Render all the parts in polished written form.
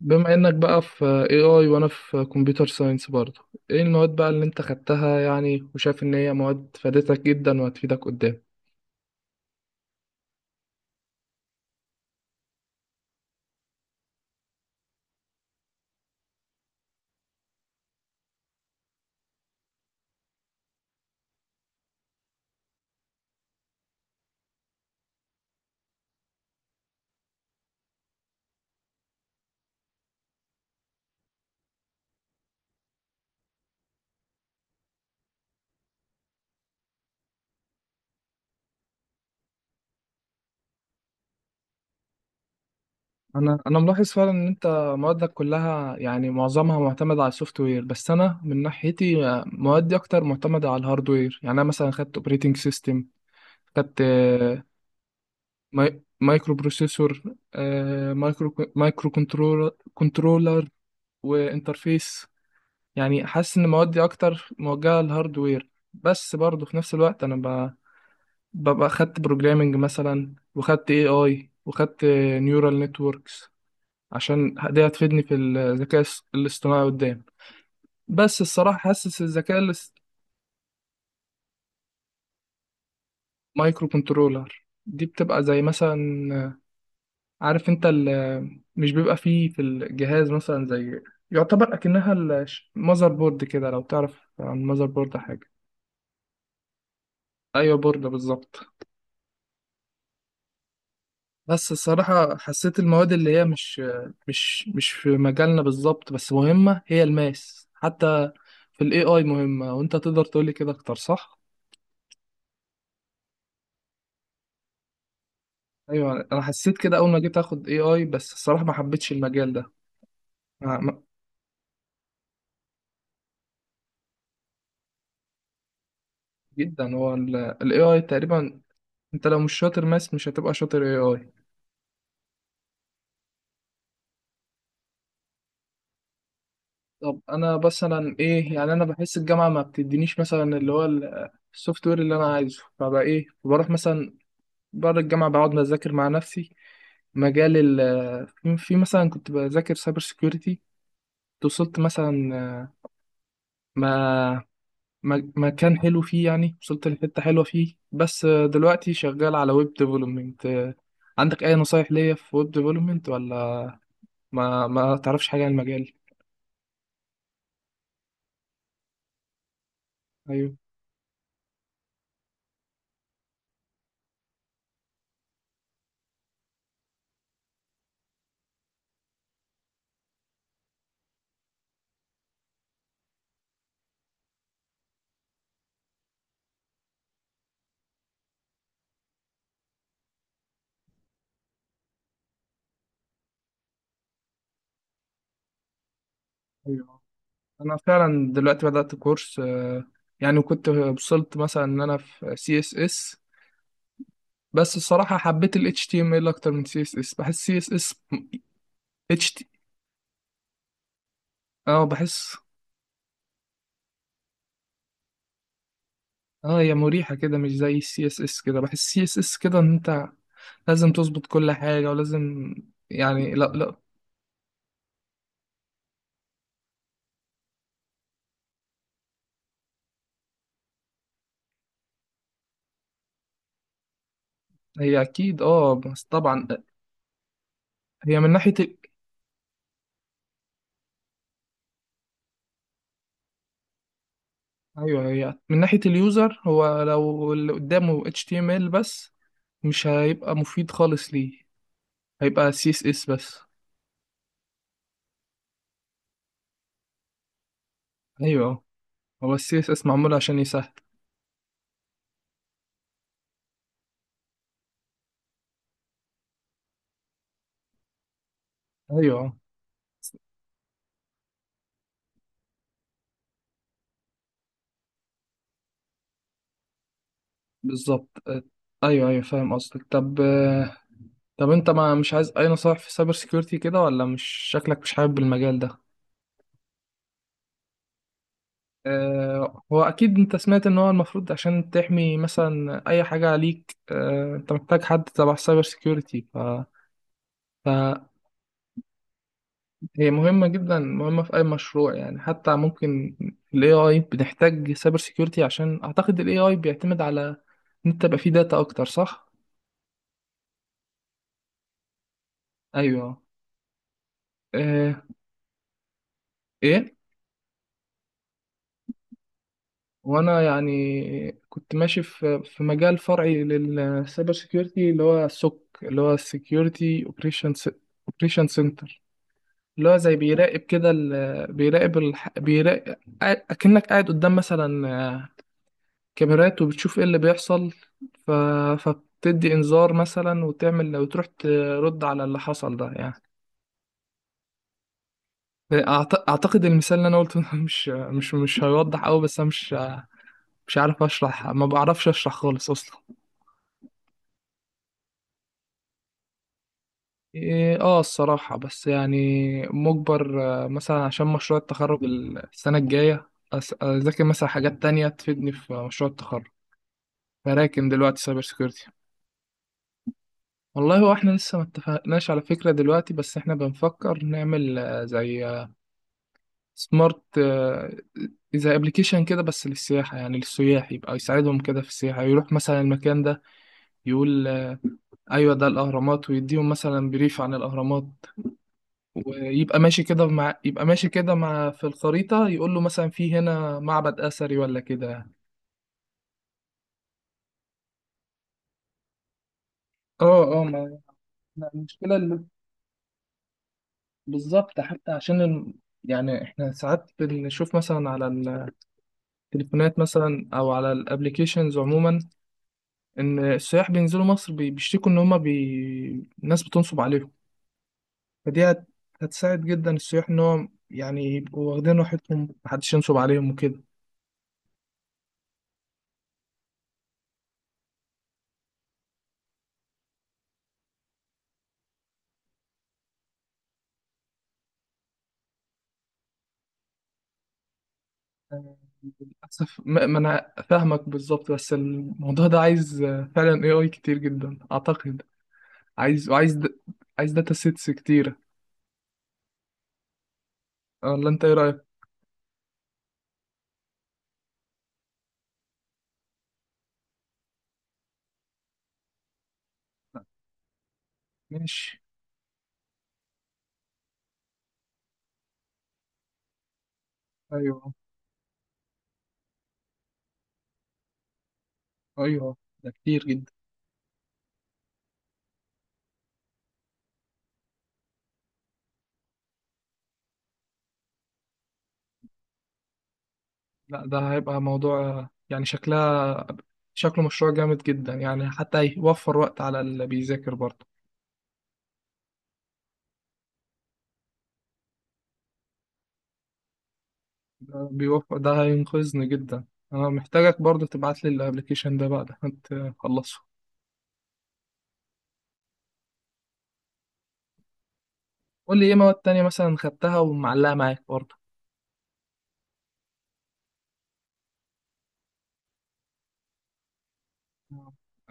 بما انك بقى في AI وانا في كمبيوتر ساينس برضه، ايه المواد بقى اللي انت خدتها، يعني وشايف ان هي مواد فادتك جدا وهتفيدك قدام؟ انا ملاحظ فعلا ان انت موادك كلها، يعني معظمها معتمد على السوفت وير، بس انا من ناحيتي موادي اكتر معتمده على الهاردوير. يعني انا مثلا خدت اوبريتنج سيستم، خدت مايكرو بروسيسور، مايكرو كنترولر، وانترفيس. يعني حاسس ان موادي اكتر موجهه للهاردوير، بس برضه في نفس الوقت انا ببقى خدت بروجرامنج مثلا، وخدت اي اي، وخدت نيورال نتوركس، عشان دي هتفيدني في الذكاء الاصطناعي قدام. بس الصراحه حاسس الذكاء مايكرو كنترولر دي بتبقى زي مثلا، عارف انت مش بيبقى فيه في الجهاز مثلا، زي يعتبر اكنها المذر بورد كده. لو تعرف عن المذر بورد حاجه. ايوه، بورد بالظبط. بس الصراحة حسيت المواد اللي هي مش في مجالنا بالظبط، بس مهمة، هي الماس حتى في الاي اي مهمة، وانت تقدر تقولي كده اكتر صح؟ ايوه، انا حسيت كده اول ما جيت اخد اي اي، بس الصراحة ما حبيتش المجال ده. ما- ما- جدا هو الاي اي تقريبا. انت لو مش شاطر ماس، مش هتبقى شاطر اي اي. طب انا مثلا ايه؟ يعني انا بحس الجامعة ما بتدينيش مثلا اللي هو السوفت وير اللي انا عايزه، فبقى ايه، بروح مثلا بعد الجامعة بقعد بذاكر مع نفسي. مجال ال في مثلا كنت بذاكر سايبر سيكيورتي، وصلت مثلا ما مكان حلو فيه، يعني وصلت لحتة حلوة فيه. بس دلوقتي شغال على ويب ديفلوبمنت. عندك أي نصايح ليا في ويب ديفلوبمنت، ولا ما تعرفش حاجة عن المجال؟ أيوه، أيوه، أنا فعلا دلوقتي بدأت كورس، يعني وكنت وصلت مثلا إن أنا في سي اس اس، بس الصراحة حبيت ال HTML أكتر من سي اس اس. بحس سي اس اس، اه، بحس، اه، هي مريحة كده، مش زي السي اس اس. كده بحس السي اس اس كده ان انت لازم تظبط كل حاجة، ولازم، يعني، لا لا. هي اكيد، اه، بس طبعا هي من ناحية ال. ايوه، هي من ناحية اليوزر، هو لو اللي قدامه HTML بس مش هيبقى مفيد خالص، ليه؟ هيبقى CSS بس. ايوه، آه. هو ال CSS معمول عشان يسهل. ايوه، آه. بالظبط. ايوه، ايوه، فاهم قصدك. طب انت ما مش عايز اي نصائح في سايبر سيكيورتي كده، ولا مش شكلك مش حابب المجال ده؟ اه، هو اكيد انت سمعت ان هو المفروض عشان تحمي مثلا اي حاجة عليك، اه انت محتاج حد تبع سايبر سيكيورتي، فهي مهمة جدا، مهمة في اي مشروع يعني. حتى ممكن في الاي اي بنحتاج سايبر سيكيورتي، عشان اعتقد الاي اي بيعتمد على ان انت يبقى فيه داتا اكتر، صح؟ ايوه. اه. ايه. وانا يعني كنت ماشي في مجال فرعي للسايبر سيكيورتي، اللي هو السوك، اللي هو السيكيورتي اوبريشن سنتر، اللي هو زي بيراقب كده، بيراقب، اكنك قاعد قدام مثلا كاميرات، وبتشوف ايه اللي بيحصل، ف... فبتدي انذار مثلا، وتعمل وتروح ترد على اللي حصل ده يعني. اعتقد المثال اللي انا قلته ده مش هيوضح قوي، بس انا مش عارف اشرح، ما بعرفش اشرح خالص اصلا. إيه، اه، الصراحة بس يعني مجبر، مثلا عشان مشروع التخرج السنة الجاية، أذاكر مثلا حاجات تانية تفيدني في مشروع التخرج، فراكم دلوقتي سايبر سيكيورتي. والله هو احنا لسه ما اتفقناش على فكرة دلوقتي، بس احنا بنفكر نعمل، زي سمارت، زي ابلكيشن كده بس للسياحة، يعني للسياح، يبقى يساعدهم كده في السياحة. يروح مثلا المكان ده يقول، ايوه، ده الاهرامات، ويديهم مثلا بريف عن الاهرامات، ويبقى ماشي كده مع يبقى ماشي كده مع في الخريطة، يقول له مثلا في هنا معبد أثري ولا كده يعني. اه، اه، ما المشكلة بالظبط، حتى عشان يعني احنا ساعات بنشوف مثلا على التليفونات مثلا، او على الابليكيشنز عموما، ان السياح بينزلوا مصر، بيشتكوا ان هما، الناس بتنصب عليهم، فدي هتساعد جدا السياح، ان هو يعني يبقوا واخدين راحتهم محدش ينصب عليهم وكده. للأسف ما أنا فاهمك بالظبط، بس الموضوع ده عايز فعلا AI كتير جدا أعتقد، عايز وعايز د... عايز داتا سيتس كتيرة، ولا أنت إيه رأيك؟ ماشي. أيوه، أيوه، ده كتير جدا. لا، ده هيبقى موضوع، يعني شكله مشروع جامد جدا، يعني حتى هيوفر وقت على اللي بيذاكر برضه. ده هينقذني جدا. أنا محتاجك برضه تبعت لي الأبلكيشن ده بعد ما تخلصه. قول لي إيه مواد تانية مثلا خدتها ومعلقة معاك برضه.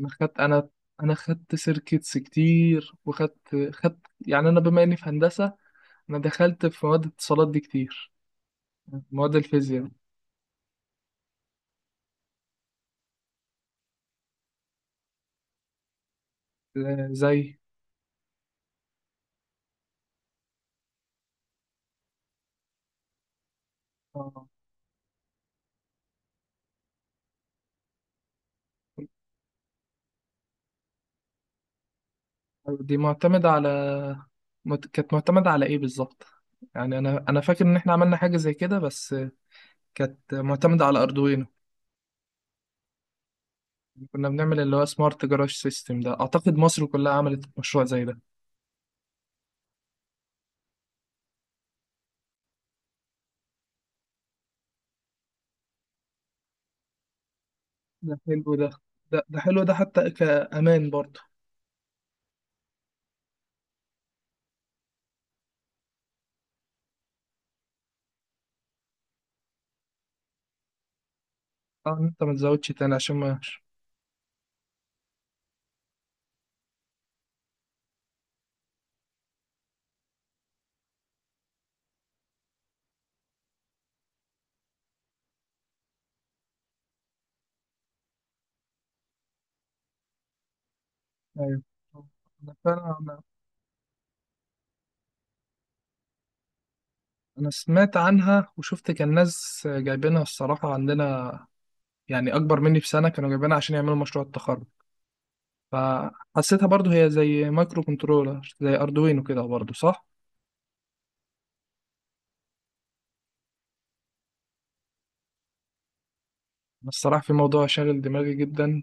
انا خدت انا انا خدت سيركتس كتير، وخدت. يعني انا بما اني في هندسه، انا دخلت في مواد الاتصالات دي كتير، مواد الفيزياء. زي آه، دي معتمده على مت- كانت معتمده على ايه بالظبط؟ يعني انا فاكر ان احنا عملنا حاجه زي كده، بس كانت معتمده على اردوينو. كنا بنعمل اللي هو سمارت جراج سيستم، ده اعتقد مصر كلها عملت مشروع زي ده. ده حلو ده، ده, ده حلو ده حتى كامان برضه. اه، ان انت ما تزودش تاني عشان ما. ايوه، انا فعلا انا انا سمعت عنها، وشفت كان ناس جايبينها الصراحه عندنا، يعني اكبر مني بسنه كانوا جايبينها عشان يعملوا مشروع التخرج، فحسيتها برضو هي زي مايكرو كنترولر زي اردوينو كده برضو، صح؟ بس الصراحه في موضوع شاغل دماغي جدا،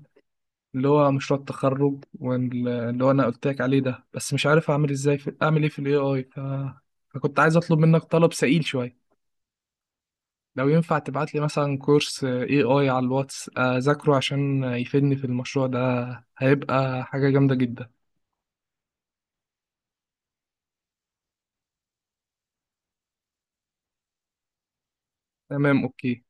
اللي هو مشروع التخرج، واللي هو انا قلت لك عليه ده، بس مش عارف اعمل ازاي، في اعمل ايه في الاي اي، فكنت عايز اطلب منك طلب سئيل شويه. لو ينفع تبعت لي مثلا كورس اي اي على الواتس اذاكره عشان يفيدني في المشروع ده، هيبقى حاجة جامدة جدا. تمام اوكي.